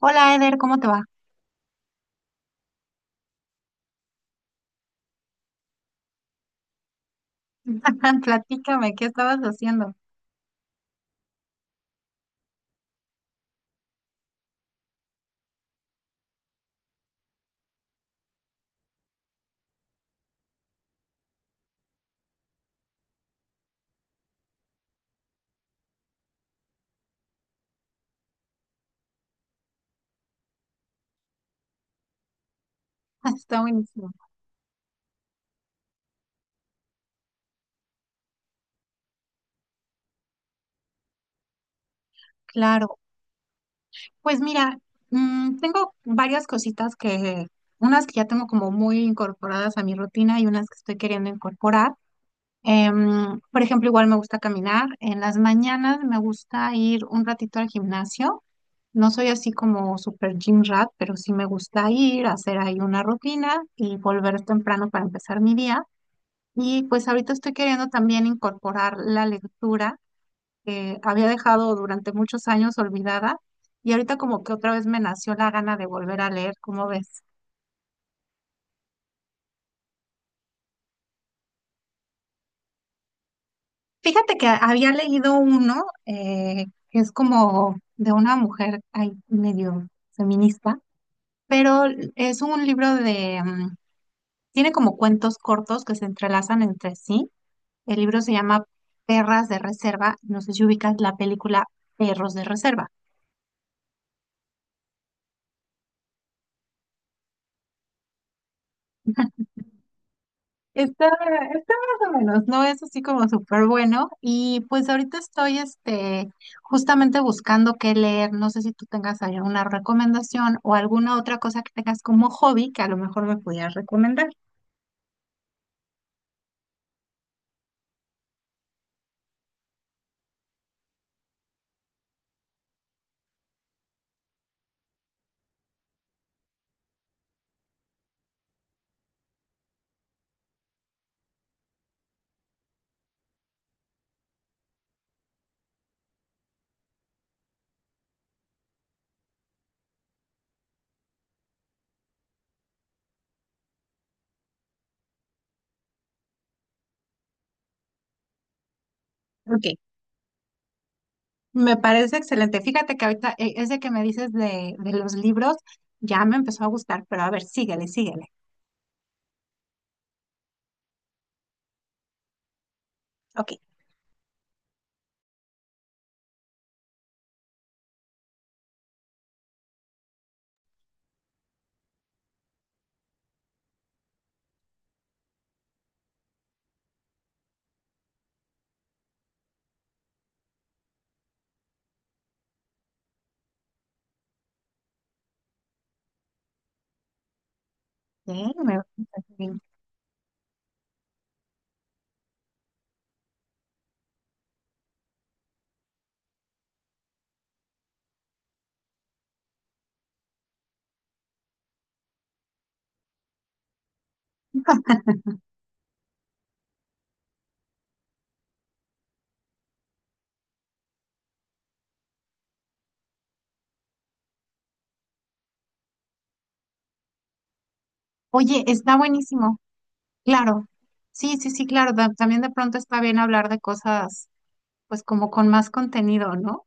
Hola Eder, ¿cómo te va? Platícame, ¿qué estabas haciendo? Está buenísimo. Claro, pues mira, tengo varias cositas que, unas que ya tengo como muy incorporadas a mi rutina y unas que estoy queriendo incorporar. Por ejemplo, igual me gusta caminar. En las mañanas me gusta ir un ratito al gimnasio. No soy así como super gym rat, pero sí me gusta ir, hacer ahí una rutina y volver temprano para empezar mi día. Y pues ahorita estoy queriendo también incorporar la lectura que había dejado durante muchos años olvidada y ahorita como que otra vez me nació la gana de volver a leer, ¿cómo ves? Fíjate que había leído uno que es como de una mujer ay, medio feminista, pero es un libro de, tiene como cuentos cortos que se entrelazan entre sí. El libro se llama Perras de Reserva, no sé si ubicas la película Perros de Reserva. Está, está más o menos, no es así como súper bueno. Y pues ahorita estoy este, justamente buscando qué leer. No sé si tú tengas ahí alguna recomendación o alguna otra cosa que tengas como hobby que a lo mejor me pudieras recomendar. Ok, me parece excelente. Fíjate que ahorita ese que me dices de los libros ya me empezó a gustar, pero a ver, síguele, síguele. Ok, eh, me- oye, está buenísimo, claro. Sí, sí, sí, claro. También de pronto está bien hablar de cosas pues como con más contenido, ¿no?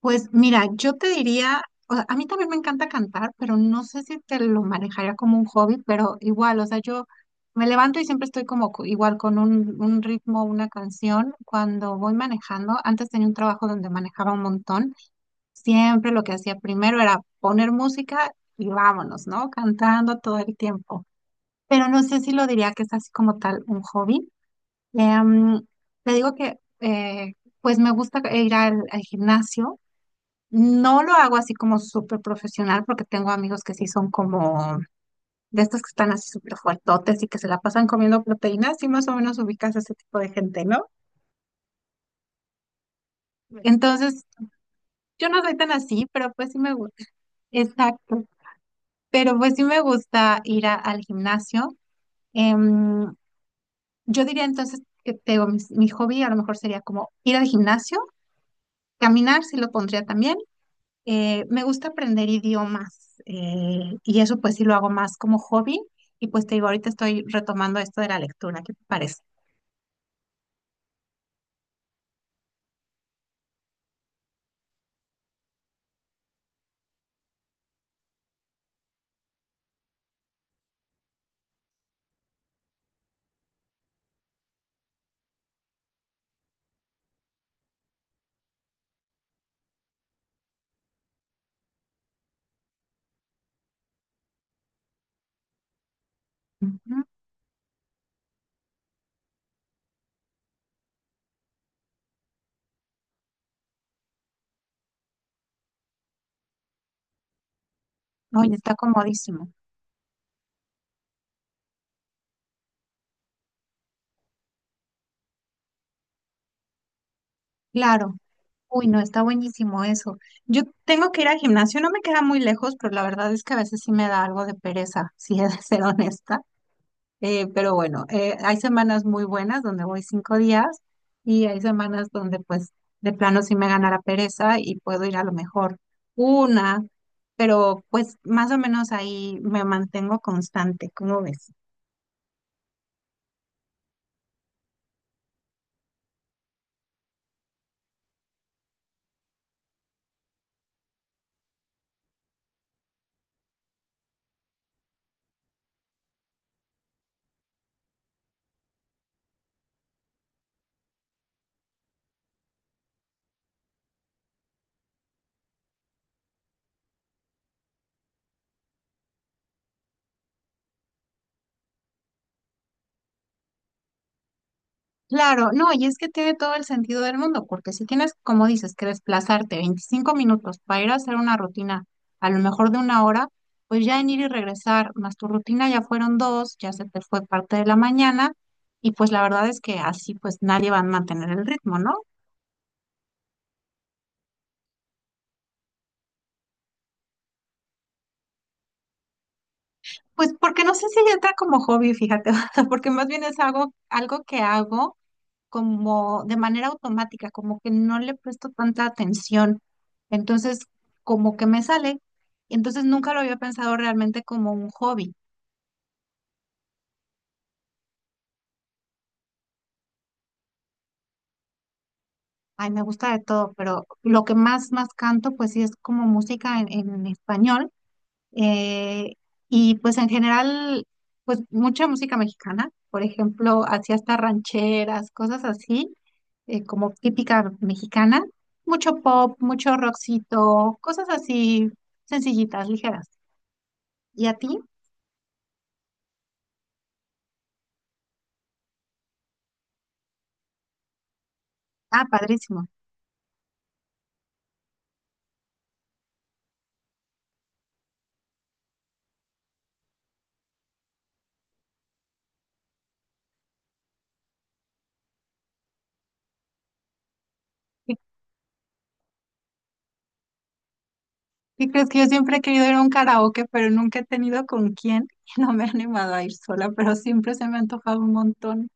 Pues mira, yo te diría, o sea, a mí también me encanta cantar, pero no sé si te lo manejaría como un hobby, pero igual, o sea, yo me levanto y siempre estoy como igual con un ritmo, una canción. Cuando voy manejando, antes tenía un trabajo donde manejaba un montón, siempre lo que hacía primero era poner música y vámonos, ¿no? Cantando todo el tiempo. Pero no sé si lo diría que es así como tal un hobby. Em, Te digo que pues me gusta ir al gimnasio. No lo hago así como súper profesional porque tengo amigos que sí son como de estos que están así súper fuertotes y que se la pasan comiendo proteínas y más o menos ubicas a ese tipo de gente, ¿no? Entonces, yo no soy tan así, pero pues sí me gusta. Exacto. Pero pues sí me gusta ir al gimnasio. Em, yo diría entonces que tengo mi hobby a lo mejor sería como ir al gimnasio, caminar, sí lo pondría también. Me gusta aprender idiomas y eso pues sí lo hago más como hobby y pues te digo, ahorita estoy retomando esto de la lectura, ¿qué te parece? Ujú. Oye, está comodísimo. Claro. Uy, no, está buenísimo eso. Yo tengo que ir al gimnasio, no me queda muy lejos, pero la verdad es que a veces sí me da algo de pereza, si he de ser honesta. Pero bueno, hay semanas muy buenas donde voy 5 días y hay semanas donde pues de plano sí me gana la pereza y puedo ir a lo mejor una, pero pues más o menos ahí me mantengo constante, ¿cómo ves? Claro, no, y es que tiene todo el sentido del mundo, porque si tienes, como dices, que desplazarte 25 minutos para ir a hacer una rutina, a lo mejor de una hora, pues ya en ir y regresar, más tu rutina ya fueron dos, ya se te fue parte de la mañana, y pues la verdad es que así pues nadie va a mantener el ritmo, ¿no? Pues porque no sé si entra como hobby, fíjate, o sea, porque más bien es algo, algo que hago como de manera automática, como que no le presto tanta atención. Entonces, como que me sale. Entonces, nunca lo había pensado realmente como un hobby. Ay, me gusta de todo, pero lo que más, más canto, pues sí es como música en español. Eh, y pues en general, pues mucha música mexicana, por ejemplo, hacía hasta rancheras, cosas así, como típica mexicana, mucho pop, mucho rockcito, cosas así sencillitas, ligeras. ¿Y a ti? Ah, padrísimo. ¿Qué, qué crees que yo siempre he querido ir a un karaoke, pero nunca he tenido con quién y no me he animado a ir sola, pero siempre se me ha antojado un montón.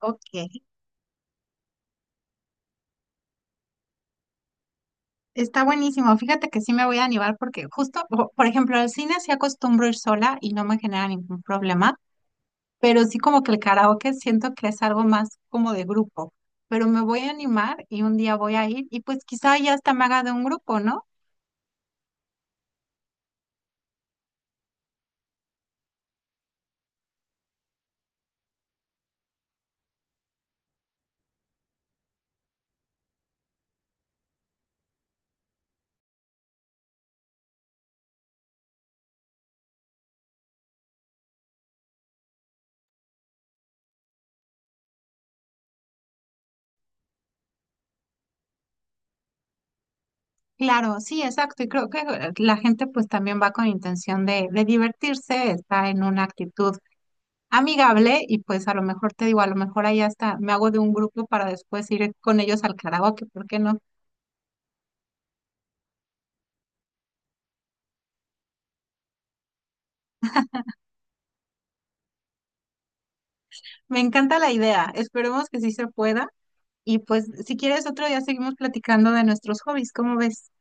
Ok. Está buenísimo. Fíjate que sí me voy a animar porque justo, por ejemplo, al cine sí acostumbro ir sola y no me genera ningún problema, pero sí como que el karaoke siento que es algo más como de grupo. Pero me voy a animar y un día voy a ir y pues quizá ya hasta me haga de un grupo, ¿no? Claro, sí, exacto. Y creo que la gente pues también va con intención de divertirse, está en una actitud amigable y pues a lo mejor te digo, a lo mejor ahí hasta me hago de un grupo para después ir con ellos al karaoke, ¿por qué no? Me encanta la idea. Esperemos que sí se pueda. Y pues, si quieres, otro día seguimos platicando de nuestros hobbies. ¿Cómo ves?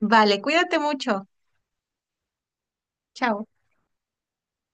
Vale, cuídate mucho. Chao.